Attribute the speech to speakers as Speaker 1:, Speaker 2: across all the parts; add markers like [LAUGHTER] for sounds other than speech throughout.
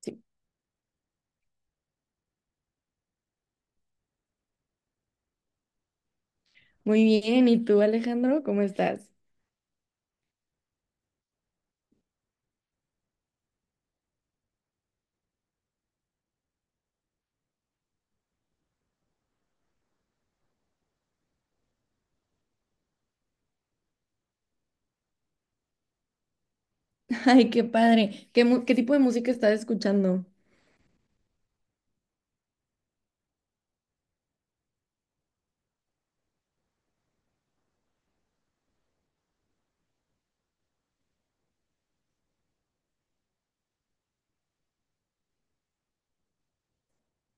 Speaker 1: Sí. Muy bien, ¿y tú, Alejandro? ¿Cómo estás? [LAUGHS] Ay, qué padre. ¿Qué tipo de música estás escuchando?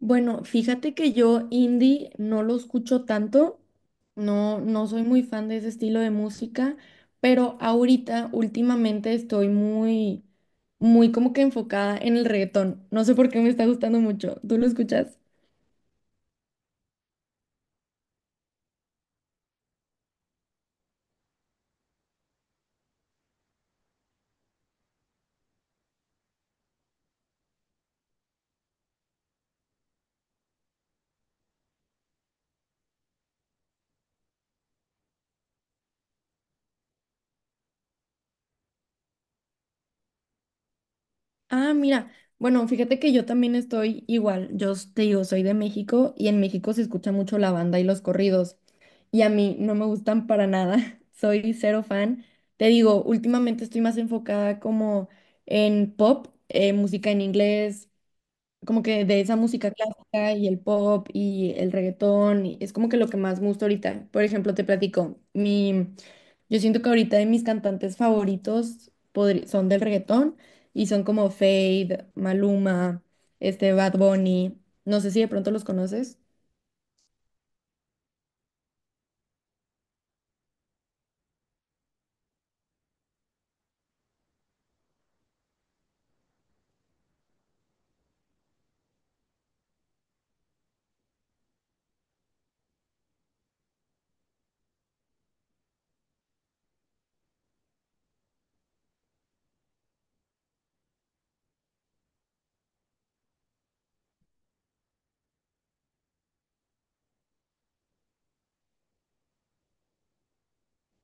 Speaker 1: Bueno, fíjate que yo indie no lo escucho tanto, no, no soy muy fan de ese estilo de música, pero ahorita, últimamente, estoy muy, muy como que enfocada en el reggaetón. No sé por qué me está gustando mucho. ¿Tú lo escuchas? Ah, mira, bueno, fíjate que yo también estoy igual, yo te digo, soy de México y en México se escucha mucho la banda y los corridos y a mí no me gustan para nada, [LAUGHS] soy cero fan. Te digo, últimamente estoy más enfocada como en pop, música en inglés, como que de esa música clásica y el pop y el reggaetón, y es como que lo que más me gusta ahorita. Por ejemplo, te platico, yo siento que ahorita de mis cantantes favoritos son del reggaetón y son como Fade, Maluma, Bad Bunny, no sé si de pronto los conoces.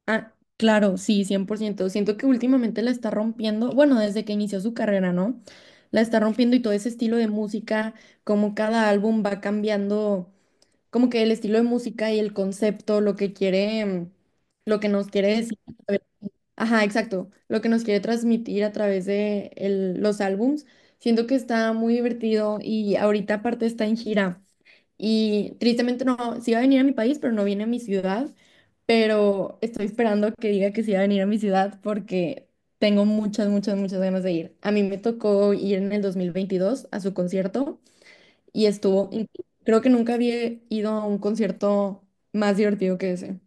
Speaker 1: Ah, claro, sí, cien por ciento. Siento que últimamente la está rompiendo, bueno, desde que inició su carrera, ¿no? La está rompiendo y todo ese estilo de música, como cada álbum va cambiando como que el estilo de música y el concepto, lo que quiere, lo que nos quiere decir. Ajá, exacto. Lo que nos quiere transmitir a través de los álbums. Siento que está muy divertido y ahorita aparte está en gira. Y tristemente no, sí va a venir a mi país, pero no viene a mi ciudad. Pero estoy esperando que diga que sí va a venir a mi ciudad porque tengo muchas, muchas, muchas ganas de ir. A mí me tocó ir en el 2022 a su concierto y estuvo, creo que nunca había ido a un concierto más divertido que ese.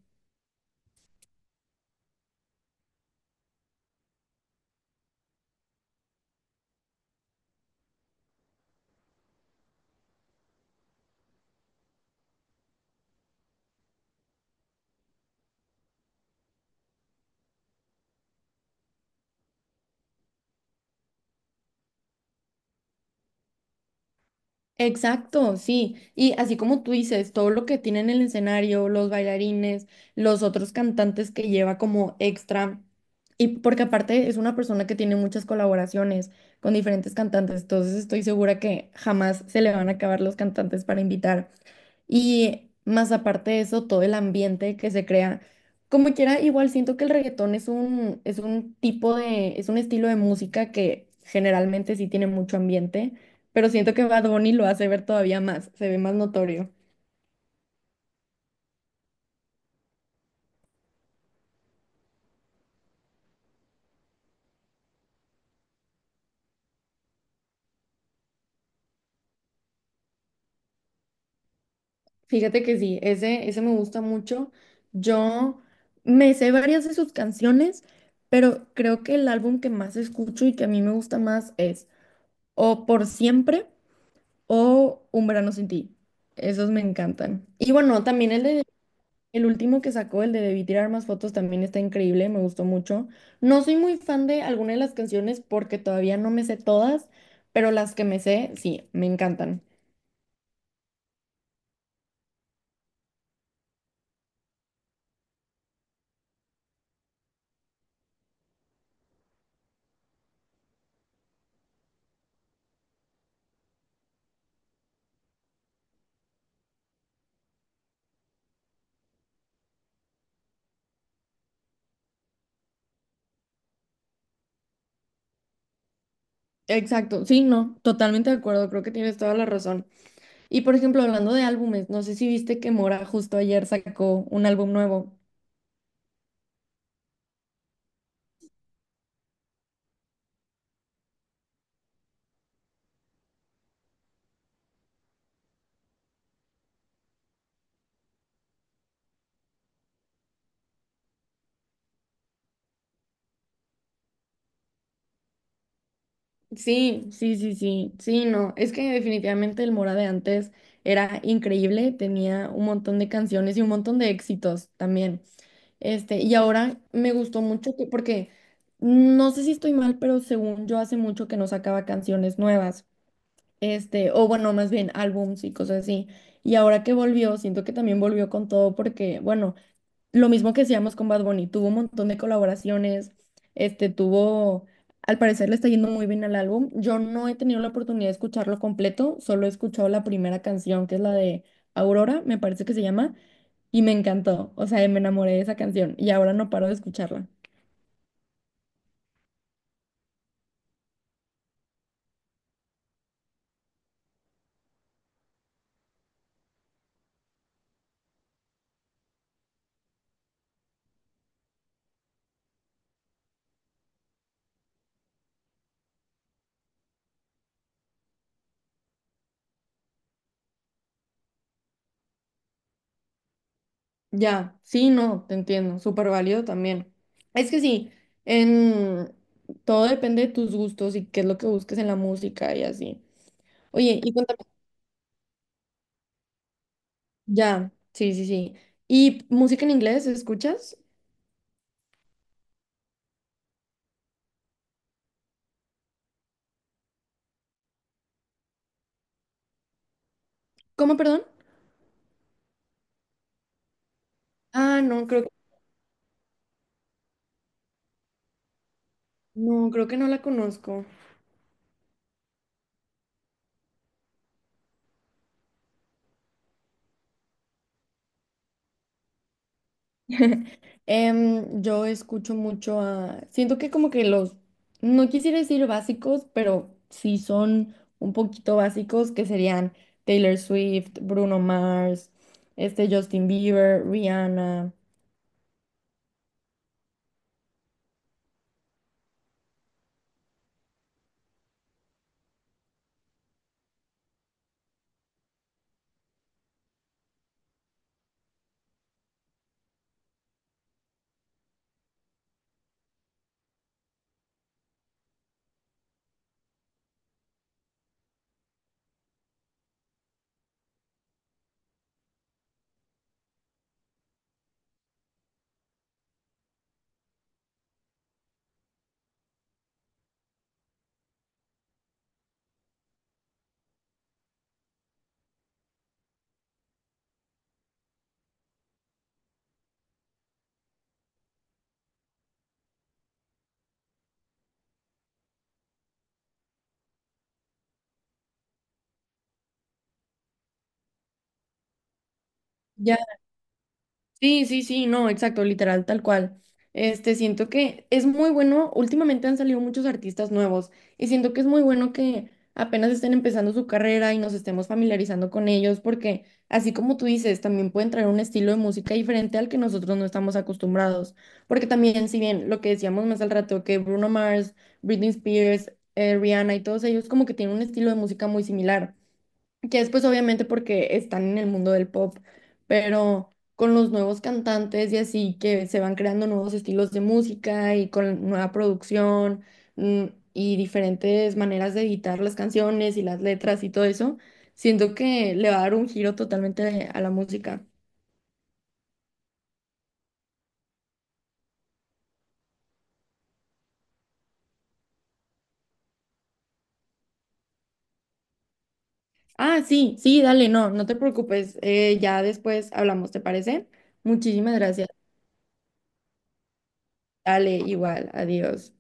Speaker 1: Exacto, sí. Y así como tú dices, todo lo que tiene en el escenario, los bailarines, los otros cantantes que lleva como extra. Y porque aparte es una persona que tiene muchas colaboraciones con diferentes cantantes, entonces estoy segura que jamás se le van a acabar los cantantes para invitar. Y más aparte de eso, todo el ambiente que se crea. Como quiera, igual siento que el reggaetón es un estilo de música que generalmente sí tiene mucho ambiente, pero siento que Bad Bunny lo hace ver todavía más, se ve más notorio. Fíjate que sí, ese me gusta mucho. Yo me sé varias de sus canciones, pero creo que el álbum que más escucho y que a mí me gusta más es O Por Siempre o Un verano sin ti. Esos me encantan. Y bueno, también el último que sacó, el de Debí tirar más fotos, también está increíble, me gustó mucho. No soy muy fan de alguna de las canciones porque todavía no me sé todas, pero las que me sé, sí, me encantan. Exacto, sí, no, totalmente de acuerdo, creo que tienes toda la razón. Y por ejemplo, hablando de álbumes, no sé si viste que Mora justo ayer sacó un álbum nuevo. Sí, sí, sí, sí, sí, no, es que definitivamente el Mora de antes era increíble, tenía un montón de canciones y un montón de éxitos también. Y ahora me gustó mucho que, porque no sé si estoy mal, pero según yo hace mucho que no sacaba canciones nuevas, o bueno, más bien álbums y cosas así. Y ahora que volvió, siento que también volvió con todo porque, bueno lo mismo que hacíamos con Bad Bunny, tuvo un montón de colaboraciones, este tuvo, al parecer le está yendo muy bien al álbum. Yo no he tenido la oportunidad de escucharlo completo, solo he escuchado la primera canción, que es la de Aurora, me parece que se llama, y me encantó, o sea, me enamoré de esa canción y ahora no paro de escucharla. Ya, sí, no, te entiendo, súper válido también. Es que sí, en... todo depende de tus gustos y qué es lo que busques en la música y así. Oye, y cuéntame. Ya, sí, sí, sí. ¿Y música en inglés escuchas? ¿Cómo, perdón? Ah, no, creo que, no, creo que no la conozco. [LAUGHS] Yo escucho mucho a... Siento que como que los, no quisiera decir básicos, pero sí son un poquito básicos, que serían Taylor Swift, Bruno Mars, Justin Bieber, Rihanna. Sí, sí, sí, no, exacto, literal, tal cual. Siento que es muy bueno, últimamente han salido muchos artistas nuevos y siento que es muy bueno que apenas estén empezando su carrera y nos estemos familiarizando con ellos porque así como tú dices, también pueden traer un estilo de música diferente al que nosotros no estamos acostumbrados. Porque también, si bien lo que decíamos más al rato, que Bruno Mars, Britney Spears, Rihanna y todos ellos como que tienen un estilo de música muy similar. Ya después, obviamente, porque están en el mundo del pop, pero con los nuevos cantantes y así que se van creando nuevos estilos de música y con nueva producción mm, y diferentes maneras de editar las canciones y las letras y todo eso, siento que le va a dar un giro totalmente a la música. Ah, sí, sí, dale, no, no te preocupes, ya después hablamos, ¿te parece? Muchísimas gracias. Dale, igual, adiós.